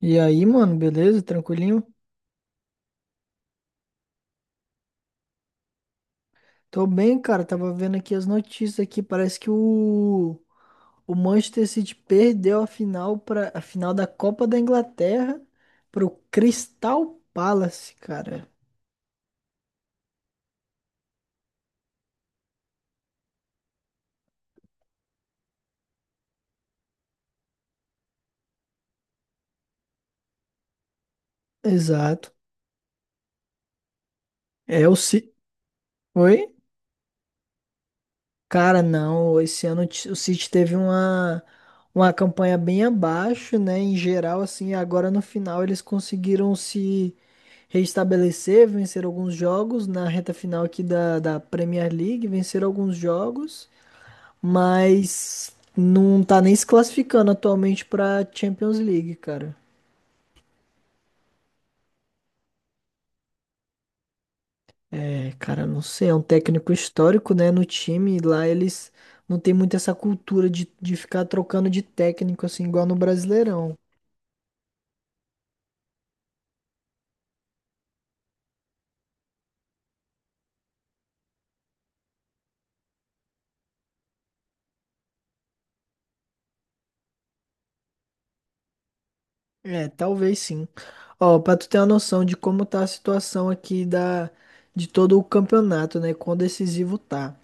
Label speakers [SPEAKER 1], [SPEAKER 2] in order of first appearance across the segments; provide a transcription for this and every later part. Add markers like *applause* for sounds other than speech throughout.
[SPEAKER 1] E aí, mano, beleza? Tranquilinho? Tô bem, cara. Tava vendo aqui as notícias aqui. Parece que o Manchester City perdeu a final para a final da Copa da Inglaterra pro Crystal Palace, cara. Exato. É o City. Oi? Cara, não, esse ano o City teve uma campanha bem abaixo, né? Em geral, assim, agora no final eles conseguiram se restabelecer, vencer alguns jogos na reta final aqui da Premier League, venceram alguns jogos, mas não tá nem se classificando atualmente pra Champions League, cara. É, cara, não sei, é um técnico histórico, né, no time. Lá eles não tem muito essa cultura de ficar trocando de técnico, assim, igual no Brasileirão. É, talvez sim. Ó, pra tu ter uma noção de como tá a situação aqui de todo o campeonato, né? Quão decisivo tá.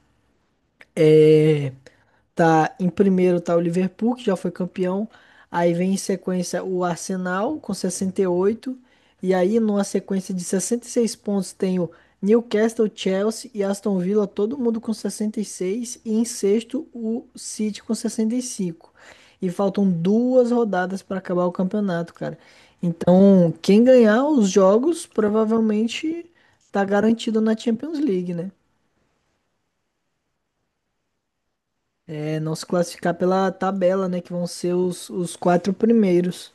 [SPEAKER 1] É, tá, em primeiro tá o Liverpool, que já foi campeão. Aí vem em sequência o Arsenal com 68. E oito. E aí, numa sequência de 66 pontos, tem o Newcastle, Chelsea e Aston Villa, todo mundo com 66. E seis. E em sexto, o City com 65. E cinco. E faltam duas rodadas para acabar o campeonato, cara. Então, quem ganhar os jogos provavelmente tá garantido na Champions League, né? É não se classificar pela tabela, né? Que vão ser os quatro primeiros.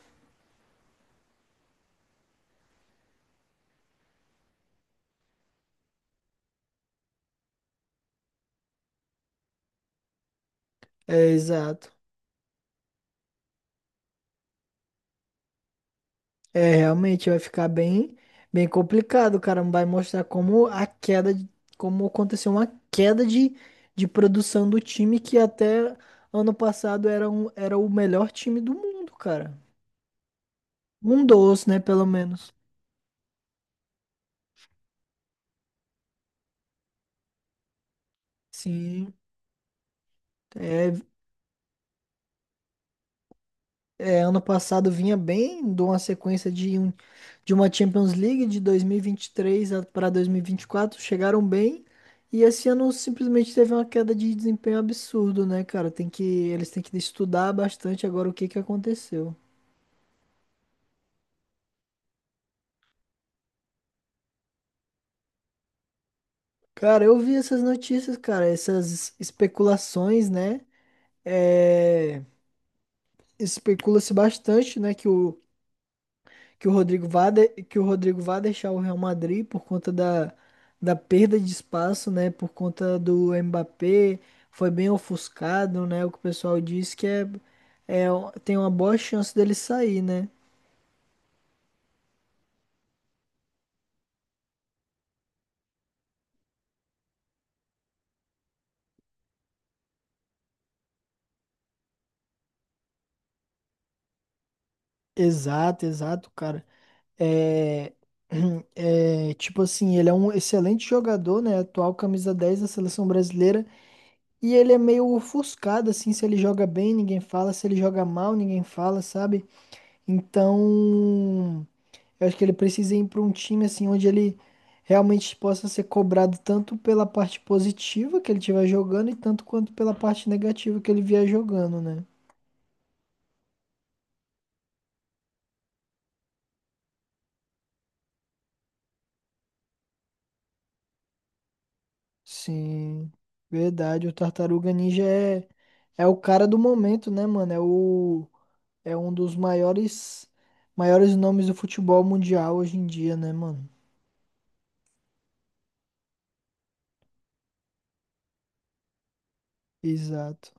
[SPEAKER 1] É, exato. É, realmente vai ficar bem, bem complicado, cara. Vai mostrar como aconteceu uma queda de produção do time que até ano passado era o melhor time do mundo, cara. Um dos, né? Pelo menos. Sim. É, É, ano passado vinha bem, de uma sequência de uma Champions League de dois mil e vinte e três para dois mil e vinte e quatro. Chegaram bem. E esse ano simplesmente teve uma queda de desempenho absurdo, né, cara? Eles têm que estudar bastante agora o que que aconteceu. Cara, eu vi essas notícias, cara, essas especulações, né? É, especula-se bastante, né, que o Rodrigo vá deixar o Real Madrid por conta da perda de espaço, né? Por conta do Mbappé, foi bem ofuscado, né? O que o pessoal diz que é, é tem uma boa chance dele sair, né? Exato, exato, cara. É, *clears throat* É, tipo assim, ele é um excelente jogador, né? Atual camisa 10 da seleção brasileira. E ele é meio ofuscado, assim. Se ele joga bem, ninguém fala. Se ele joga mal, ninguém fala, sabe? Então, eu acho que ele precisa ir para um time assim onde ele realmente possa ser cobrado tanto pela parte positiva que ele estiver jogando e tanto quanto pela parte negativa que ele vier jogando, né? Sim, verdade. O Tartaruga Ninja é o cara do momento, né, mano? É um dos maiores nomes do futebol mundial hoje em dia, né, mano? Exato.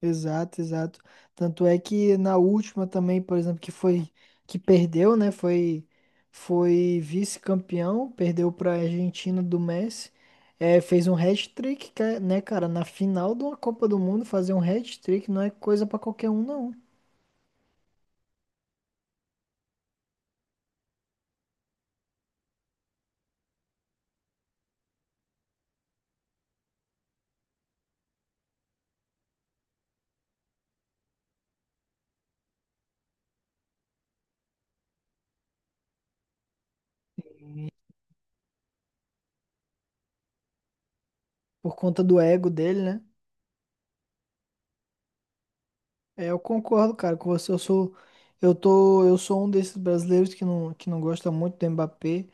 [SPEAKER 1] Exato, exato. Tanto é que na última também, por exemplo, que foi que perdeu, né? Foi vice-campeão, perdeu para a Argentina do Messi. É, fez um hat-trick, né, cara? Na final de uma Copa do Mundo, fazer um hat-trick não é coisa para qualquer um, não. Por conta do ego dele, né? É, eu concordo, cara, com você. Eu sou um desses brasileiros que não gosta muito do Mbappé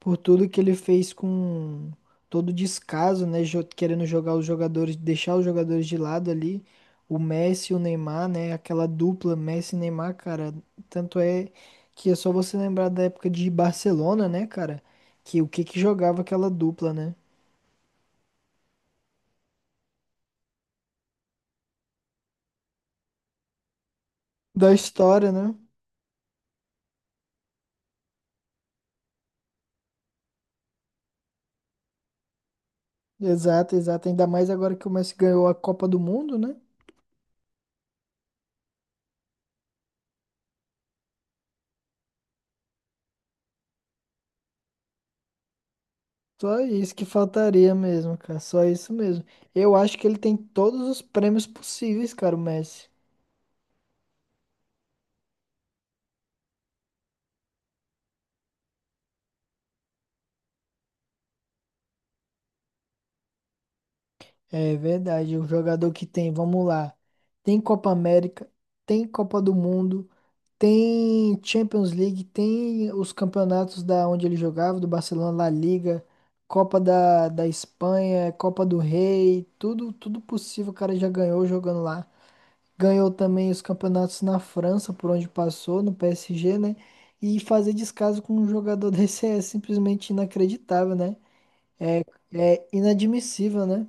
[SPEAKER 1] por tudo que ele fez com todo o descaso, né? Querendo jogar os jogadores, deixar os jogadores de lado ali. O Messi e o Neymar, né? Aquela dupla Messi e Neymar, cara. Tanto é que é só você lembrar da época de Barcelona, né, cara? Que o que que jogava aquela dupla, né? Da história, né? Exato, exato. Ainda mais agora que o Messi ganhou a Copa do Mundo, né? Só isso que faltaria mesmo, cara. Só isso mesmo. Eu acho que ele tem todos os prêmios possíveis, cara, o Messi. É verdade. O jogador que tem, vamos lá. Tem Copa América, tem Copa do Mundo, tem Champions League, tem os campeonatos da onde ele jogava, do Barcelona, La Liga, Copa da Espanha, Copa do Rei, tudo, tudo possível o cara já ganhou jogando lá. Ganhou também os campeonatos na França, por onde passou, no PSG, né? E fazer descaso com um jogador *laughs* desse é simplesmente inacreditável, né? É, é inadmissível, né?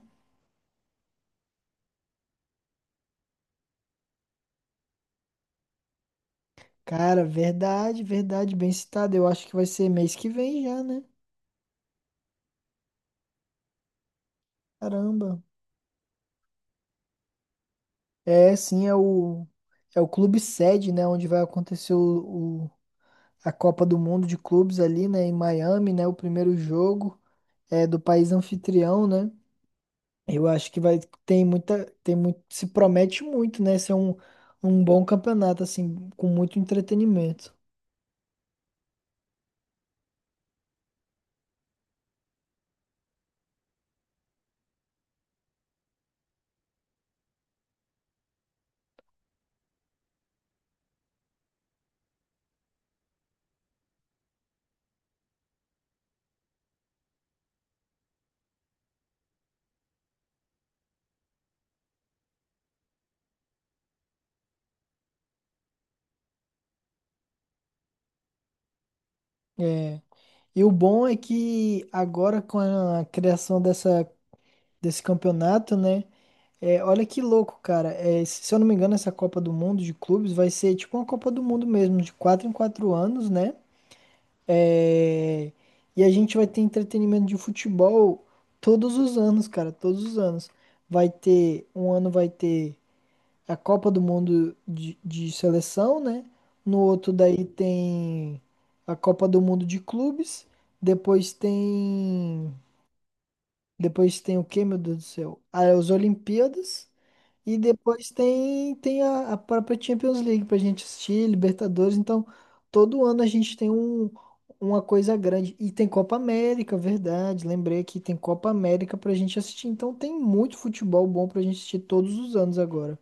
[SPEAKER 1] Cara, verdade, verdade, bem citado. Eu acho que vai ser mês que vem já, né? Caramba. É, sim, é o clube sede, né? Onde vai acontecer a Copa do Mundo de Clubes ali, né? Em Miami, né? O primeiro jogo é do país anfitrião, né? Eu acho que vai tem muita tem muito se promete muito, né? Ser um bom campeonato assim, com muito entretenimento. É. E o bom é que agora com a criação dessa desse campeonato, né? É, olha que louco, cara. É, se eu não me engano, essa Copa do Mundo de clubes vai ser tipo uma Copa do Mundo mesmo, de quatro em quatro anos, né? É, e a gente vai ter entretenimento de futebol todos os anos, cara, todos os anos. Um ano vai ter a Copa do Mundo de seleção, né? No outro daí tem a Copa do Mundo de clubes. Depois tem. Depois tem o quê, meu Deus do céu? Ah, é as Olimpíadas. E depois tem a própria Champions League pra gente assistir, Libertadores. Então, todo ano a gente tem uma coisa grande. E tem Copa América, verdade. Lembrei que tem Copa América pra gente assistir. Então, tem muito futebol bom pra gente assistir todos os anos agora.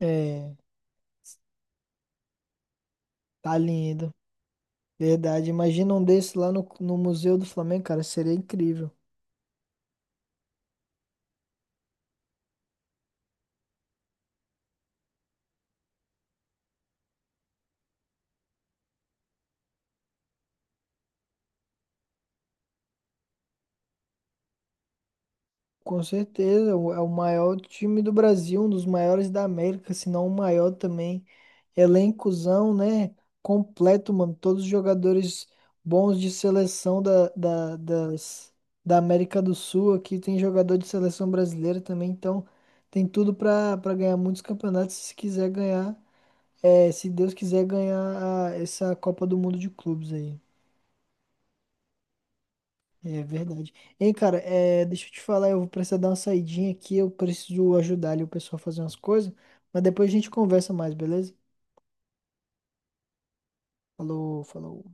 [SPEAKER 1] É. Tá lindo. Verdade. Imagina um desse lá no Museu do Flamengo, cara. Seria incrível. Com certeza. É o maior time do Brasil, um dos maiores da América, se não o maior também. Elencozão, né? Completo, mano. Todos os jogadores bons de seleção da América do Sul. Aqui tem jogador de seleção brasileira também. Então, tem tudo pra ganhar muitos campeonatos se quiser ganhar. É, se Deus quiser ganhar essa Copa do Mundo de Clubes aí. É verdade. Hein, cara, é, deixa eu te falar, eu vou precisar dar uma saidinha aqui, eu preciso ajudar ali o pessoal a fazer umas coisas, mas depois a gente conversa mais, beleza? Falou, falou.